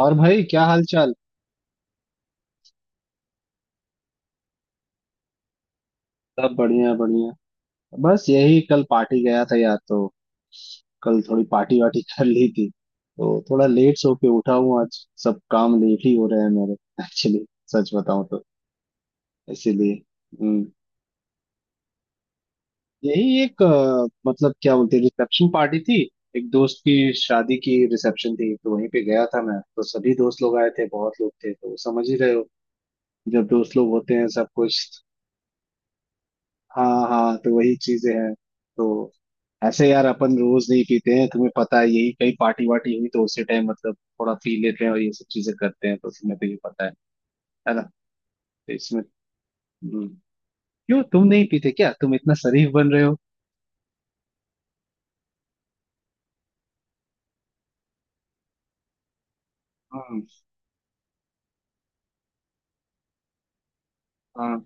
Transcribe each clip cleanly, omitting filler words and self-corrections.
और भाई क्या हाल चाल। सब बढ़िया बढ़िया। बस यही कल पार्टी गया था यार तो कल थोड़ी पार्टी वार्टी कर ली थी तो थोड़ा लेट सो के उठा हूँ, आज सब काम लेट ही हो रहे हैं मेरे। एक्चुअली सच बताऊं तो इसीलिए। हम्म। यही एक मतलब क्या बोलते हैं, रिसेप्शन पार्टी थी, एक दोस्त की। शादी की रिसेप्शन थी तो वहीं पे गया था मैं। तो सभी दोस्त लोग आए थे, बहुत लोग थे तो समझ ही रहे हो, जब दोस्त लोग होते हैं सब कुछ। हाँ हाँ, तो वही चीजें हैं तो। ऐसे यार अपन रोज नहीं पीते हैं, तुम्हें पता है। यही कहीं पार्टी वार्टी हुई तो उसी टाइम मतलब थोड़ा पी लेते हैं और ये सब चीजें करते हैं, तो तुम्हें तो ये पता है ना। तो इसमें। हम्म, क्यों तुम नहीं पीते क्या? तुम इतना शरीफ बन रहे हो? हम्म। हाँ।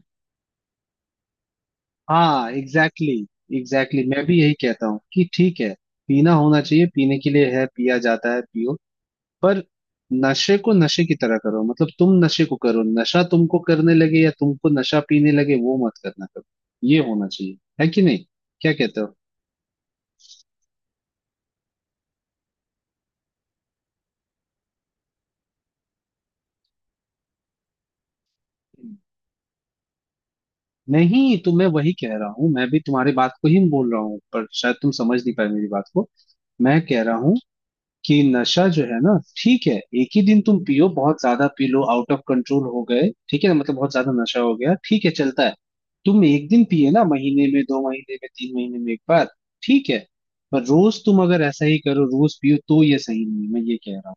हाँ एग्जैक्टली। एग्जैक्टली, मैं भी यही कहता हूँ कि ठीक है, पीना होना चाहिए, पीने के लिए है, पिया जाता है, पियो। पर नशे को नशे की तरह करो, मतलब तुम नशे को करो, नशा तुमको करने लगे या तुमको नशा पीने लगे वो मत करना, करो। ये होना चाहिए है कि नहीं, क्या कहते हो? नहीं तो मैं वही कह रहा हूँ, मैं भी तुम्हारी बात को ही बोल रहा हूँ, पर शायद तुम समझ नहीं पाए मेरी बात को। मैं कह रहा हूँ कि नशा जो है ना, ठीक है, एक ही दिन तुम पियो, बहुत ज्यादा पी लो, आउट ऑफ कंट्रोल हो गए, ठीक है ना, मतलब बहुत ज्यादा नशा हो गया, ठीक है, चलता है। तुम एक दिन पिए ना, महीने में, दो महीने में, तीन महीने में एक बार, ठीक है। पर रोज तुम अगर ऐसा ही करो, रोज पियो तो ये सही नहीं, मैं ये कह रहा हूँ,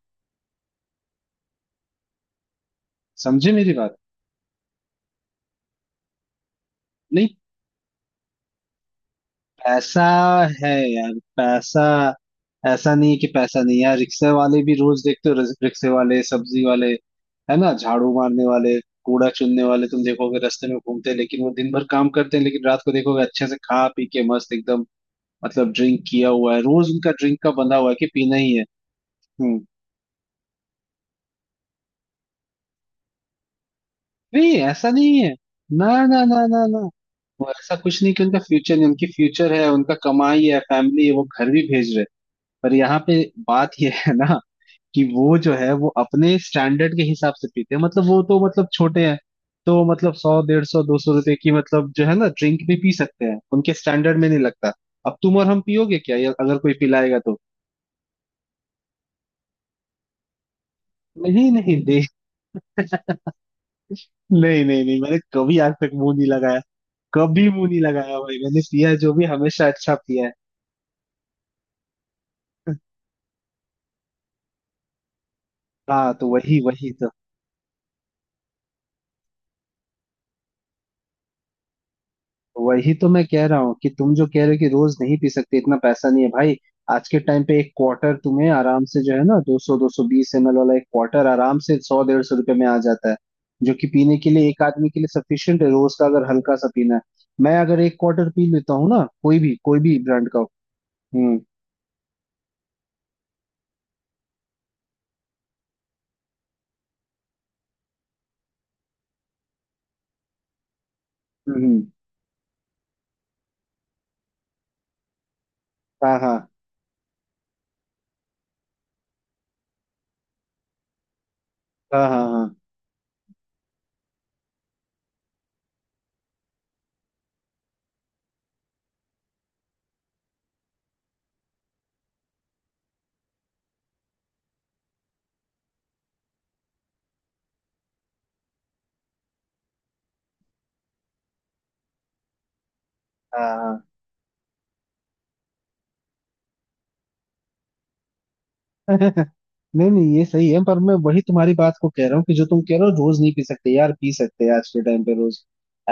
समझे मेरी बात। नहीं पैसा है यार, पैसा। ऐसा नहीं है कि पैसा नहीं है यार। रिक्शे वाले भी रोज देखते हो, रिक्शे वाले, सब्जी वाले, है ना, झाड़ू मारने वाले, कूड़ा चुनने वाले, तुम देखोगे रास्ते में घूमते हैं, लेकिन वो दिन भर काम करते हैं, लेकिन रात को देखोगे अच्छे से खा पी के मस्त एकदम। मतलब ड्रिंक किया हुआ है, रोज उनका ड्रिंक का बंधा हुआ है कि पीना ही है। हम्म। नहीं, ऐसा नहीं है। ना ना ना ना ना, वो ऐसा कुछ नहीं कि उनका फ्यूचर नहीं, उनकी फ्यूचर है, उनका कमाई है, फैमिली है, वो घर भी भेज रहे हैं। पर यहाँ पे बात ये है ना, कि वो जो है वो अपने स्टैंडर्ड के हिसाब से पीते हैं, मतलब वो तो मतलब छोटे हैं, तो मतलब 100, 150, 200 रुपए की मतलब जो है ना ड्रिंक भी पी सकते हैं, उनके स्टैंडर्ड में नहीं लगता। अब तुम और हम पियोगे क्या, या अगर कोई पिलाएगा तो। नहीं नहीं दे नहीं नहीं नहीं, मैंने कभी आज तक मुंह नहीं लगाया। कभी मुंह नहीं लगाया भाई, मैंने पिया जो भी हमेशा अच्छा पिया। है। हाँ तो वही वही तो। वही तो मैं कह रहा हूँ कि तुम जो कह रहे हो कि रोज नहीं पी सकते, इतना पैसा नहीं है भाई, आज के टाइम पे एक क्वार्टर तुम्हें आराम से जो है ना, 200 220 ml वाला एक क्वार्टर आराम से 100, 150 रुपए में आ जाता है, जो कि पीने के लिए एक आदमी के लिए सफिशियंट है रोज का, अगर हल्का सा पीना है। मैं अगर एक क्वार्टर पी लेता हूँ ना, कोई भी ब्रांड का हो। हम्म। हम्म हम्म। हाँ हाँ हाँ हाँ हाँ हाँ हाँ। नहीं नहीं ये सही है, पर मैं वही तुम्हारी बात को कह रहा हूँ कि जो तुम कह रहे हो रोज नहीं पी सकते यार, पी सकते हैं आज के टाइम पे रोज।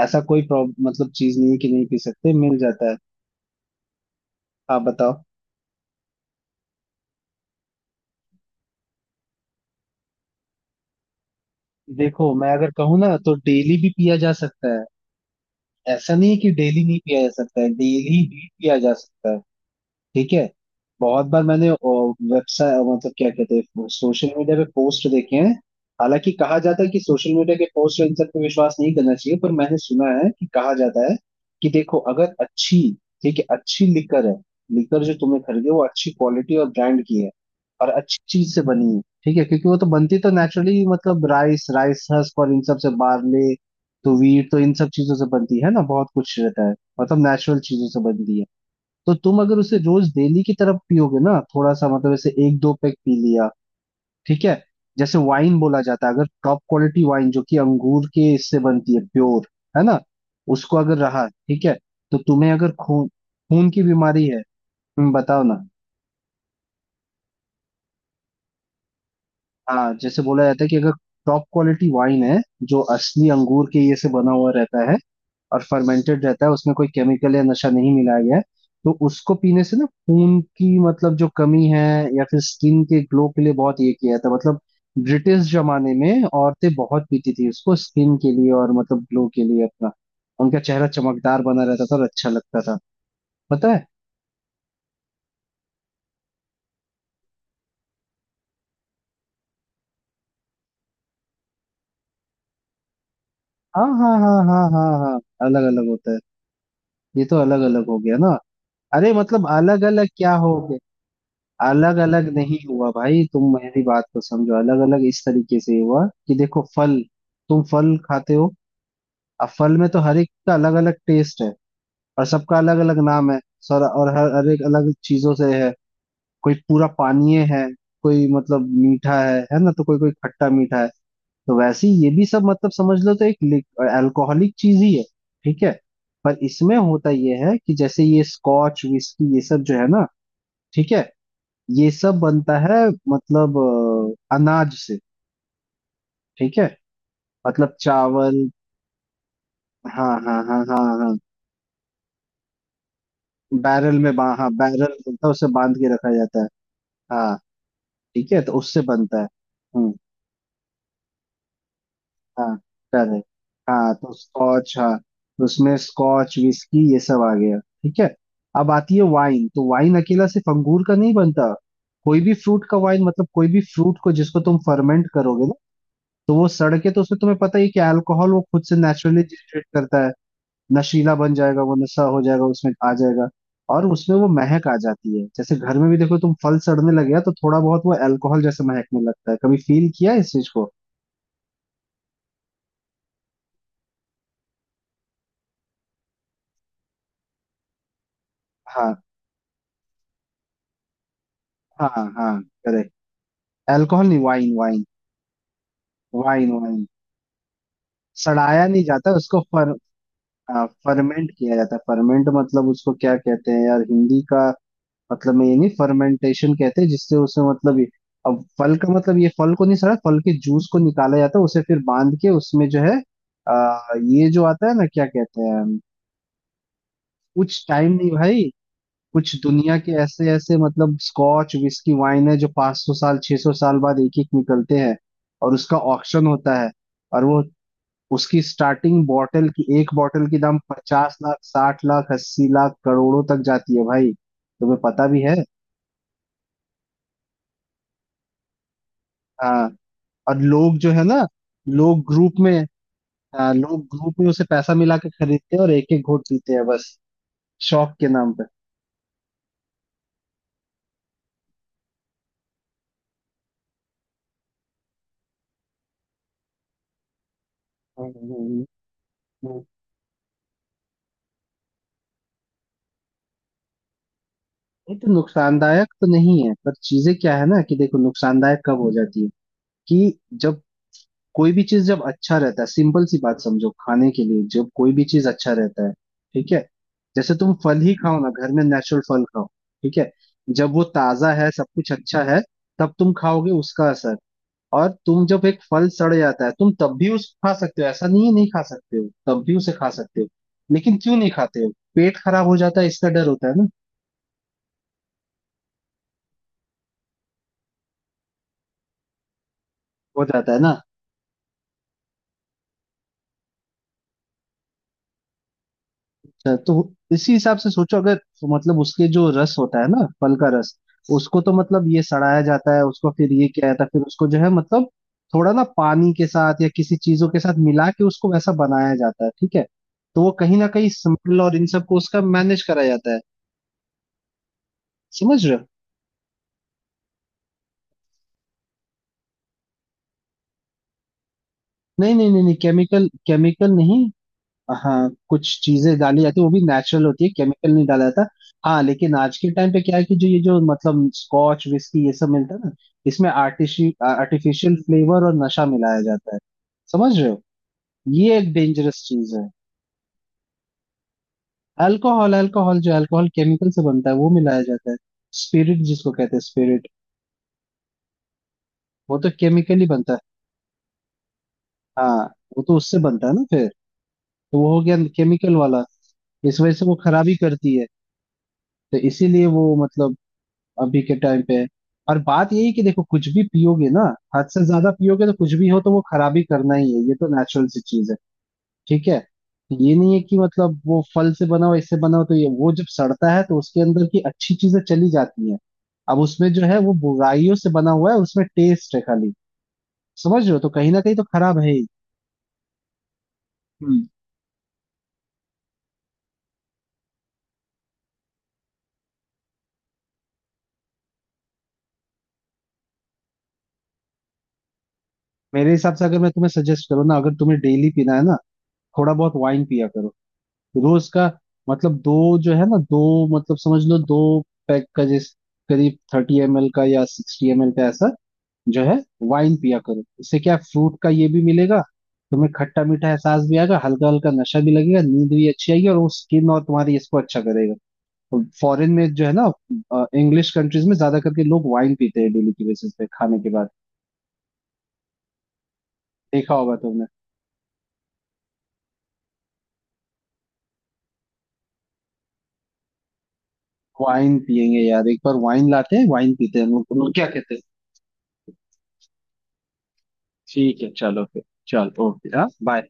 ऐसा कोई प्रॉब्लम मतलब चीज नहीं है कि नहीं पी सकते, मिल जाता है। आप बताओ। देखो, मैं अगर कहूँ ना तो डेली भी पिया जा सकता है, ऐसा नहीं है कि डेली नहीं पिया जा सकता है, डेली भी पिया जा सकता है, ठीक है। बहुत बार मैंने वेबसाइट मतलब क्या कहते हैं सोशल मीडिया पे पोस्ट देखे हैं। हालांकि कहा जाता है कि सोशल मीडिया के पोस्ट इन सब पे विश्वास नहीं करना चाहिए, पर मैंने सुना है कि कहा जाता है कि देखो, अगर अच्छी, ठीक है अच्छी लिकर है, लिकर जो तुमने खरीदे वो अच्छी क्वालिटी और ब्रांड की है, और अच्छी चीज से बनी है, ठीक है, क्योंकि वो तो बनती तो नेचुरली मतलब राइस, राइस हस्क और इन सब से, बार्ले तो वीट तो इन सब चीजों से बनती है ना, बहुत कुछ रहता है, मतलब नेचुरल चीजों से बनती है। तो तुम अगर उसे रोज डेली की तरफ पियोगे ना थोड़ा सा, मतलब ऐसे एक दो पैक पी लिया, ठीक है, जैसे वाइन बोला जाता है, अगर टॉप क्वालिटी वाइन जो कि अंगूर के इससे बनती है प्योर, है ना, उसको अगर रहा, ठीक है तो तुम्हें अगर खून, खून की बीमारी है। तुम बताओ ना। हाँ, जैसे बोला जाता है कि अगर टॉप क्वालिटी वाइन है, जो असली अंगूर के ये से बना हुआ रहता है और फर्मेंटेड रहता है, उसमें कोई केमिकल या नशा नहीं मिलाया गया है, तो उसको पीने से ना खून की मतलब जो कमी है, या फिर स्किन के ग्लो के लिए बहुत ये किया था, मतलब ब्रिटिश जमाने में औरतें बहुत पीती थी उसको स्किन के लिए और मतलब ग्लो के लिए अपना, उनका चेहरा चमकदार बना रहता था और अच्छा लगता था, पता है। हाँ हाँ हाँ हाँ हाँ हाँ, अलग अलग होता है, ये तो अलग अलग हो गया ना। अरे मतलब अलग अलग क्या हो, अलग अलग नहीं हुआ भाई, तुम मेरी बात को समझो, अलग अलग इस तरीके से हुआ कि देखो, फल, तुम फल खाते हो, अब फल में तो हर एक का अलग अलग टेस्ट है, और सबका अलग अलग नाम है सर, और हर हर एक अलग चीजों से है, कोई पूरा पानीय है, कोई मतलब मीठा है ना, तो कोई कोई खट्टा मीठा है, तो वैसे ही ये भी सब मतलब समझ लो तो एक अल्कोहलिक चीज ही है, ठीक है। पर इसमें होता यह है कि जैसे ये स्कॉच विस्की ये सब जो है ना, ठीक है, ये सब बनता है मतलब अनाज से, ठीक है, मतलब चावल। हाँ हाँ हाँ हाँ हाँ। हाँ बैरल बनता है, उसे बांध के रखा जाता है। हाँ, ठीक है, तो उससे बनता है। हम्म। हाँ correct। हाँ तो स्कॉच, हाँ तो उसमें स्कॉच विस्की ये सब आ गया, ठीक है। अब आती है वाइन, तो वाइन अकेला सिर्फ अंगूर का नहीं बनता, कोई भी फ्रूट का वाइन मतलब कोई भी फ्रूट को जिसको तुम फर्मेंट करोगे, तो वो सड़के, तो उसमें तुम्हें पता ही है कि अल्कोहल वो खुद से नेचुरली जनरेट करता है, नशीला बन जाएगा, वो नशा हो जाएगा, उसमें आ जाएगा, और उसमें वो महक आ जाती है। जैसे घर में भी देखो तुम, फल सड़ने लगे हैं तो थोड़ा बहुत वो अल्कोहल जैसे महकने लगता है, कभी फील किया है इस चीज को। हाँ हाँ हाँ, करेक्ट। अल्कोहल नहीं, वाइन वाइन, वाइन वाइन। सड़ाया नहीं जाता उसको फर्मेंट किया जाता है। फर्मेंट मतलब उसको क्या कहते हैं यार हिंदी का, मतलब मैं ये नहीं, फर्मेंटेशन कहते हैं जिससे उसे मतलब ये, अब फल का मतलब ये फल को नहीं सड़ा, फल के जूस को निकाला जाता है उसे, फिर बांध के उसमें जो है, ये जो आता है ना क्या कहते हैं। कुछ टाइम नहीं भाई, कुछ दुनिया के ऐसे ऐसे मतलब स्कॉच विस्की वाइन है जो 500 साल 600 साल बाद एक एक निकलते हैं, और उसका ऑक्शन होता है, और वो उसकी स्टार्टिंग बॉटल की, एक बॉटल की दाम 50 लाख, 60 लाख, 80 लाख, करोड़ों तक जाती है भाई, तुम्हें पता भी है। हाँ, और लोग जो है ना, लोग ग्रुप में, हाँ, लोग ग्रुप में उसे पैसा मिला के खरीदते हैं और एक एक घोट पीते हैं बस, शौक के नाम पे। हम्म। हम्म। हम्म। ये तो नुकसानदायक तो नहीं है, पर चीजें क्या है ना कि देखो नुकसानदायक कब हो जाती है कि, जब, कोई भी चीज जब अच्छा रहता है, सिंपल सी बात समझो, खाने के लिए जब कोई भी चीज अच्छा रहता है, ठीक है, जैसे तुम फल ही खाओ ना, घर में नेचुरल फल खाओ, ठीक है, जब वो ताजा है, सब कुछ अच्छा है, तब तुम खाओगे उसका असर। और तुम जब एक फल सड़ जाता है, तुम तब भी उस खा सकते हो, ऐसा नहीं है नहीं खा सकते हो, तब भी उसे खा सकते हो, लेकिन क्यों नहीं खाते हो, पेट खराब हो जाता है, इसका डर होता है ना, हो जाता है ना। अच्छा, तो इसी हिसाब से सोचो अगर, तो मतलब उसके जो रस होता है ना फल का रस, उसको तो मतलब ये सड़ाया जाता है, उसको फिर ये किया जाता है, फिर उसको जो है मतलब थोड़ा ना पानी के साथ या किसी चीजों के साथ मिला के उसको वैसा बनाया जाता है, ठीक है, तो वो कहीं ना कहीं सिंपल और इन सबको उसका मैनेज कराया जाता है, समझ रहे हो। नहीं नहीं नहीं नहीं, केमिकल केमिकल नहीं। हाँ, कुछ चीजें डाली जाती है वो भी नेचुरल होती है, केमिकल नहीं डाला जाता। हाँ, लेकिन आज के टाइम पे क्या है कि जो ये जो मतलब स्कॉच विस्की ये सब मिलता है ना, इसमें आर्टिफिशियल फ्लेवर और नशा मिलाया जाता है, समझ रहे हो, ये एक डेंजरस चीज है। अल्कोहल, अल्कोहल जो अल्कोहल केमिकल से बनता है वो मिलाया जाता है, स्पिरिट जिसको कहते हैं स्पिरिट। वो तो केमिकल ही बनता है, हाँ, वो तो उससे बनता है ना फिर, तो वो हो गया केमिकल वाला, इस वजह से वो खराबी करती है, तो इसीलिए वो मतलब अभी के टाइम पे है। और बात यही है कि देखो, कुछ भी पियोगे ना, हद से ज्यादा पियोगे तो कुछ भी हो, तो वो खराब ही करना ही है, ये तो नेचुरल सी चीज है, ठीक है। ये नहीं है कि मतलब वो फल से बना हो इससे बना हो तो, ये वो जब सड़ता है तो उसके अंदर की अच्छी चीजें चली जाती हैं, अब उसमें जो है वो बुराइयों से बना हुआ है, उसमें टेस्ट है खाली, समझ रहे हो, तो कहीं ना कहीं तो खराब है ही। हम्म। मेरे हिसाब से अगर मैं तुम्हें सजेस्ट करूँ ना, अगर तुम्हें डेली पीना है ना, थोड़ा बहुत वाइन पिया करो, रोज का, मतलब दो जो है ना, दो मतलब समझ लो, दो पैक का, जिस करीब 30 ml का या 60 ml का, ऐसा जो है वाइन पिया करो, इससे क्या फ्रूट का ये भी मिलेगा, तुम्हें खट्टा मीठा एहसास भी आएगा, हल्का हल्का नशा भी लगेगा, नींद भी अच्छी आएगी, और वो स्किन और तुम्हारी इसको अच्छा करेगा। फॉरेन में जो है ना, इंग्लिश कंट्रीज में ज्यादा करके लोग वाइन पीते हैं डेली की बेसिस पे खाने के बाद, देखा होगा तुमने। वाइन पियेंगे यार, एक बार वाइन लाते हैं, वाइन पीते हैं हम लोग, तुम लोग क्या कहते हैं। ठीक है, चलो फिर, चलो ओके, हाँ, बाय।